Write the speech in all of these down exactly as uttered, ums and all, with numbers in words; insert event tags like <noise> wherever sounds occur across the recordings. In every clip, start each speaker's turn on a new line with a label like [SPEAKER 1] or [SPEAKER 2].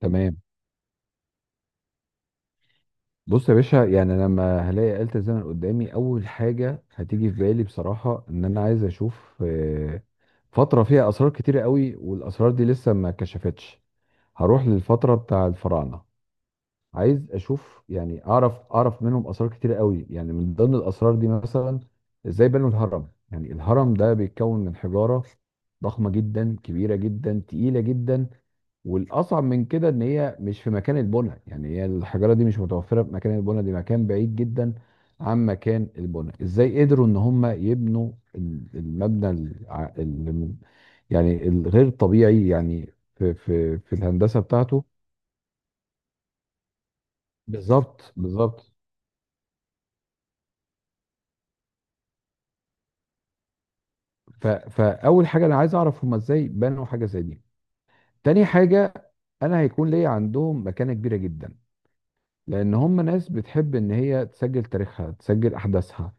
[SPEAKER 1] تمام. بص يا باشا، يعني أنا لما هلاقي آلة الزمن قدامي أول حاجة هتيجي في بالي بصراحة إن أنا عايز أشوف، آه، فترة فيها أسرار كتيرة قوي، والأسرار دي لسه ما اتكشفتش. هروح للفترة بتاع الفراعنة. عايز أشوف، يعني أعرف أعرف منهم أسرار كتيرة قوي. يعني من ضمن الأسرار دي مثلا إزاي بنوا الهرم. يعني الهرم ده بيتكون من حجارة ضخمة جدا، كبيرة جدا، تقيلة جدا. والاصعب من كده ان هي مش في مكان البنى، يعني هي الحجاره دي مش متوفره في مكان البنى. دي مكان بعيد جدا عن مكان البنى. ازاي قدروا ان هم يبنوا ال- المبنى الع- ال- يعني الغير طبيعي، يعني في في في الهندسه بتاعته. بالظبط بالظبط. ف- فاول حاجه انا عايز اعرف هم ازاي بنوا حاجه زي دي. تاني حاجه، انا هيكون ليا عندهم مكانه كبيره جدا، لان هم ناس بتحب ان هي تسجل تاريخها، تسجل احداثها،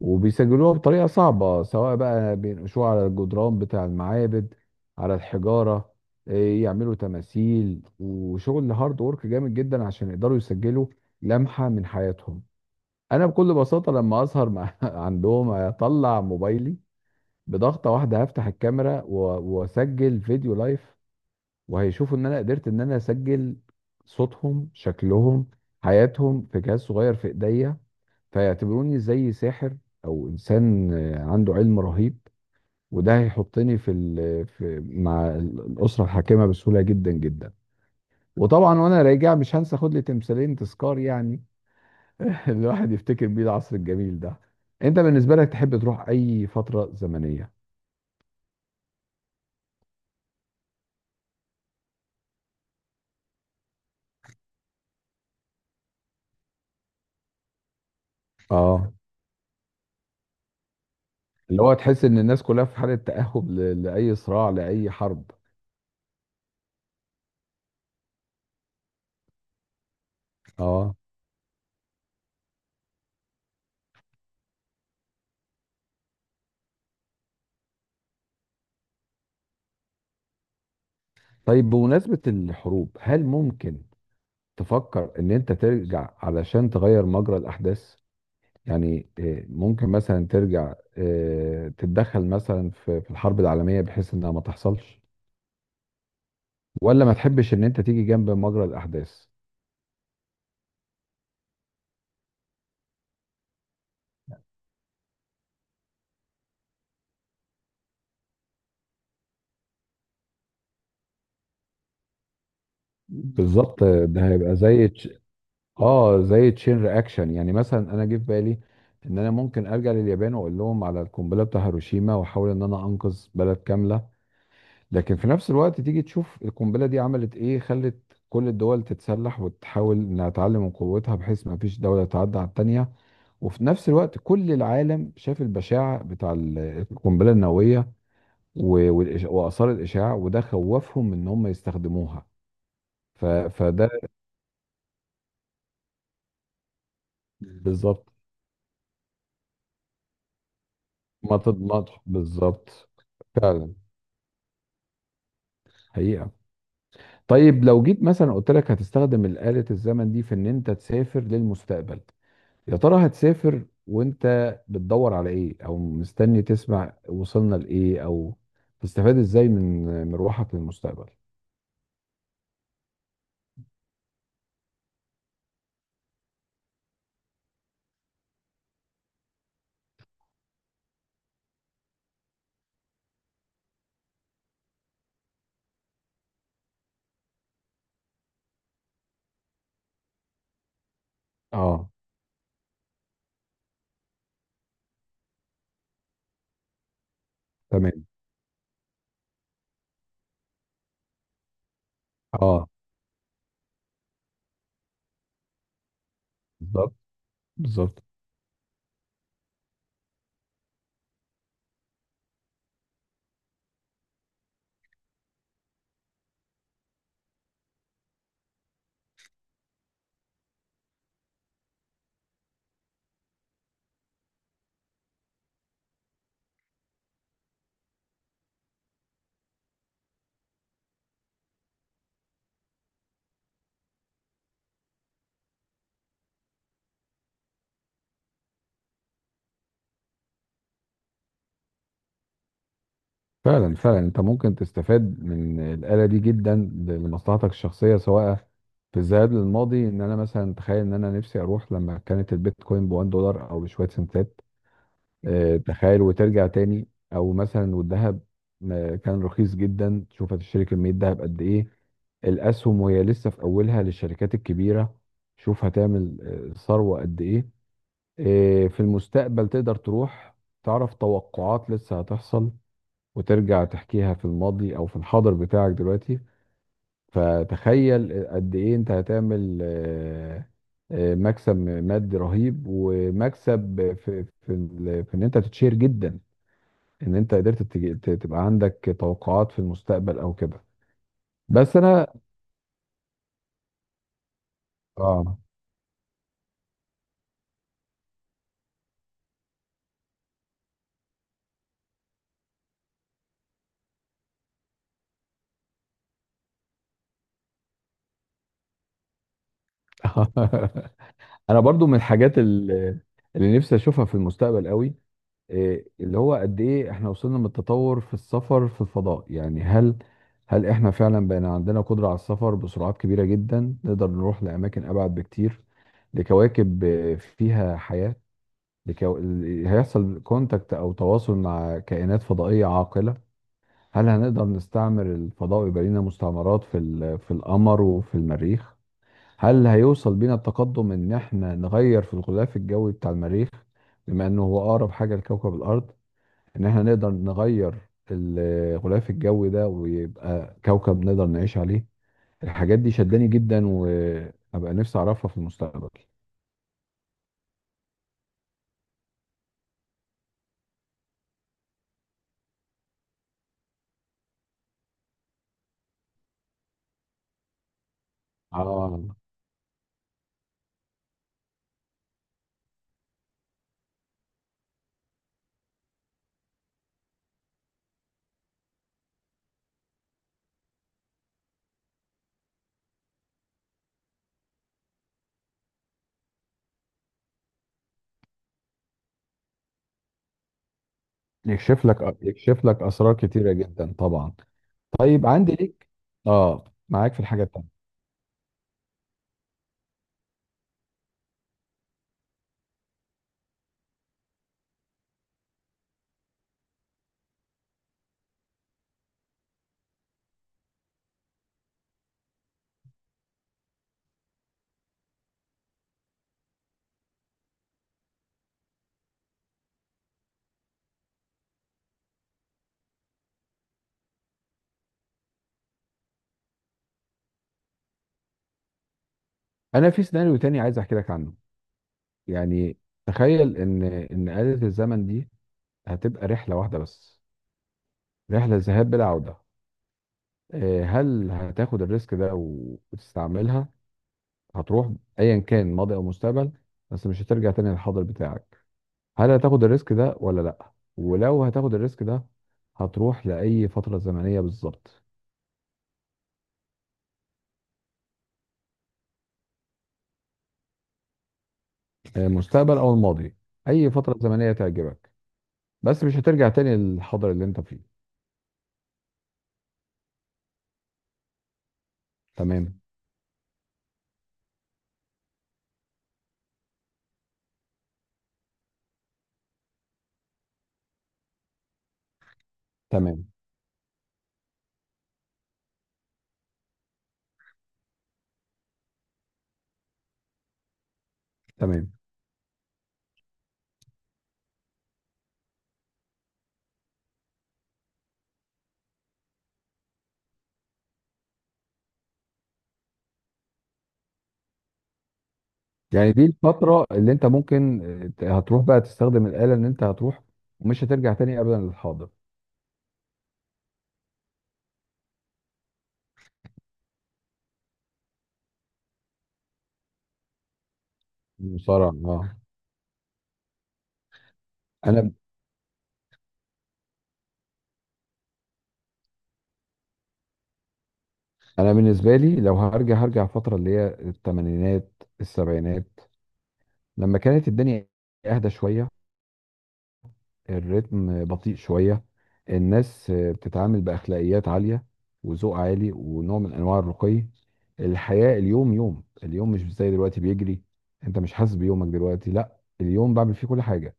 [SPEAKER 1] وبيسجلوها بطريقة صعبة. سواء بقى بينقشوها على الجدران بتاع المعابد، على الحجارة، إيه، يعملوا تماثيل وشغل هارد وورك جامد جدا عشان يقدروا يسجلوا لمحة من حياتهم. أنا بكل بساطة لما أسهر مع <laughs> عندهم أطلع موبايلي، بضغطة واحدة هفتح الكاميرا و- وأسجل فيديو لايف، وهيشوفوا إن أنا قدرت إن أنا أسجل صوتهم، شكلهم، حياتهم في جهاز صغير في إيديا. فيعتبروني زي ساحر، او انسان آه، عنده علم رهيب. وده هيحطني في, ال... في مع ال- الاسره الحاكمه بسهوله جدا جدا. وطبعا وانا راجع مش هنسى خد لي تمثالين تذكار، يعني <laughs> الواحد يفتكر بيه العصر الجميل ده. انت بالنسبه لك تحب تروح اي فتره زمنيه؟ اه. اللي هو تحس ان الناس كلها في حاله تاهب ل... لاي صراع، لاي حرب. اه. طيب بمناسبه الحروب، هل ممكن تفكر ان انت ترجع علشان تغير مجرى الاحداث؟ يعني آه، ممكن مثلا ترجع، آه، تتدخل مثلا في في الحرب العالمية بحيث انها ما تحصلش، ولا ما تحبش ان انت تيجي جنب مجرى الاحداث؟ بالظبط. آه، ده هيبقى زي تش... اه زي تشين رياكشن. يعني مثلا انا جه في بالي ان انا ممكن ارجع لليابان واقول لهم على القنبله بتاع هيروشيما، واحاول ان انا انقذ بلد كامله. لكن في نفس الوقت تيجي تشوف القنبله دي عملت ايه. خلت كل الدول تتسلح وتحاول انها تعلم من قوتها بحيث ما فيش دوله تعدى على التانيه. وفي نفس الوقت كل العالم شاف البشاعة بتاع ال- القنبلة النووية و- والإش- وآثار الإشعاع، وده خوفهم من إن هم يستخدموها. ف... فده بالظبط. ما تضمنش بالظبط. فعلا. حقيقة. طيب لو جيت مثلا قلت لك هتستخدم آلة الزمن دي في إن أنت تسافر للمستقبل، يا ترى هتسافر وأنت بتدور على إيه؟ أو مستني تسمع وصلنا لإيه؟ أو تستفاد إزاي من مروحك للمستقبل؟ اه. تمام. اه. بالظبط بالظبط. فعلا فعلا، انت ممكن تستفاد من الآلة دي جدا لمصلحتك الشخصية، سواء في الذهاب للماضي. ان انا مثلا تخيل ان انا نفسي اروح لما كانت البيتكوين ب واحد دولار او بشوية سنتات. اه، تخيل وترجع تاني. او مثلا والذهب آه، كان رخيص جدا، تشوف هتشتري كمية ذهب قد ايه. الاسهم وهي لسه في اولها للشركات الكبيرة، شوف هتعمل آه، ثروة قد ايه. آه، في المستقبل تقدر تروح تعرف توقعات لسه هتحصل، وترجع تحكيها في الماضي او في الحاضر بتاعك دلوقتي. فتخيل قد ايه انت هتعمل، آه، آه، مكسب مادي رهيب، ومكسب في في ال- في ان انت تتشير جدا ان انت قدرت تج- ت- تبقى عندك توقعات في المستقبل او كده. بس انا اه. <laughs> انا برضو من الحاجات ال- اللي نفسي اشوفها في المستقبل قوي، إيه اللي هو قد ايه احنا وصلنا من التطور في السفر في الفضاء. يعني هل هل احنا فعلا بقينا عندنا قدرة على السفر بسرعات كبيرة جدا، نقدر نروح لأماكن أبعد بكتير لكواكب آه، فيها حياة. لكو... ال- هيحصل كونتاكت أو تواصل مع كائنات فضائية عاقلة؟ هل هنقدر نستعمر الفضاء ويبقى لنا مستعمرات في ال... في القمر وفي المريخ؟ هل هيوصل بينا التقدم إن احنا نغير في الغلاف الجوي بتاع المريخ، بما إنه هو أقرب حاجة لكوكب الأرض؟ ان احنا نقدر نغير الغلاف الجوي ده ويبقى كوكب نقدر نعيش عليه. الحاجات دي شداني جدا، وابقى نفسي اعرفها في المستقبل. اه، يكشف لك يكشف لك اسرار كتيره جدا طبعا. طيب عندي ليك. اه معاك في الحاجه التانيه. انا في سيناريو تاني عايز احكي لك عنه. يعني تخيل ان ان آلة الزمن دي هتبقى رحله واحده بس، رحله ذهاب بلا عوده. آه، هل هتاخد الريسك ده و- وتستعملها؟ هتروح ايا كان ماضي او مستقبل، بس مش هترجع تاني للحاضر بتاعك. هل هتاخد الريسك ده ولا لا؟ ولو هتاخد الريسك ده هتروح لاي فتره زمنيه بالظبط؟ آه، مستقبل او الماضي. اي فتره زمنيه تعجبك، بس مش هترجع تاني للحاضر اللي انت فيه. تمام تمام تمام. يعني دي الفتره اللي انت ممكن، آه، هتروح بقى تستخدم الاله، ان انت هتروح ومش هترجع تاني ابدا للحاضر. مصارعة، اه. انا انا بالنسبه لي لو هرجع هرجع الفتره اللي هي الثمانينات السبعينات، لما كانت الدنيا اهدى شويه، الريتم بطيء شويه، الناس بتتعامل باخلاقيات عاليه وذوق عالي ونوع من انواع الرقي. الحياه اليوم يوم اليوم مش زي دلوقتي بيجري. انت مش حاسس بيومك دلوقتي، لا اليوم بعمل فيه كل حاجه،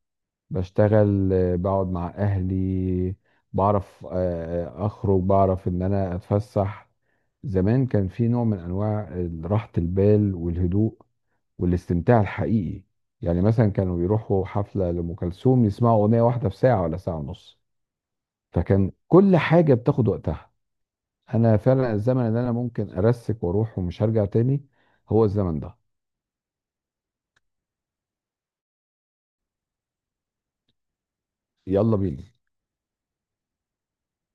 [SPEAKER 1] بشتغل، آه، بقعد مع اهلي، بعرف آه، آه، اخرج، بعرف ان انا اتفسح. زمان كان في نوع من انواع راحة البال والهدوء والاستمتاع الحقيقي. يعني مثلا كانوا بيروحوا حفلة لأم كلثوم يسمعوا أغنية واحدة في ساعة ولا ساعة ونص. فكان كل حاجة بتاخد وقتها. أنا فعلا الزمن اللي أنا ممكن أرسك وأروح ومش هرجع تاني هو الزمن ده. يلا بينا.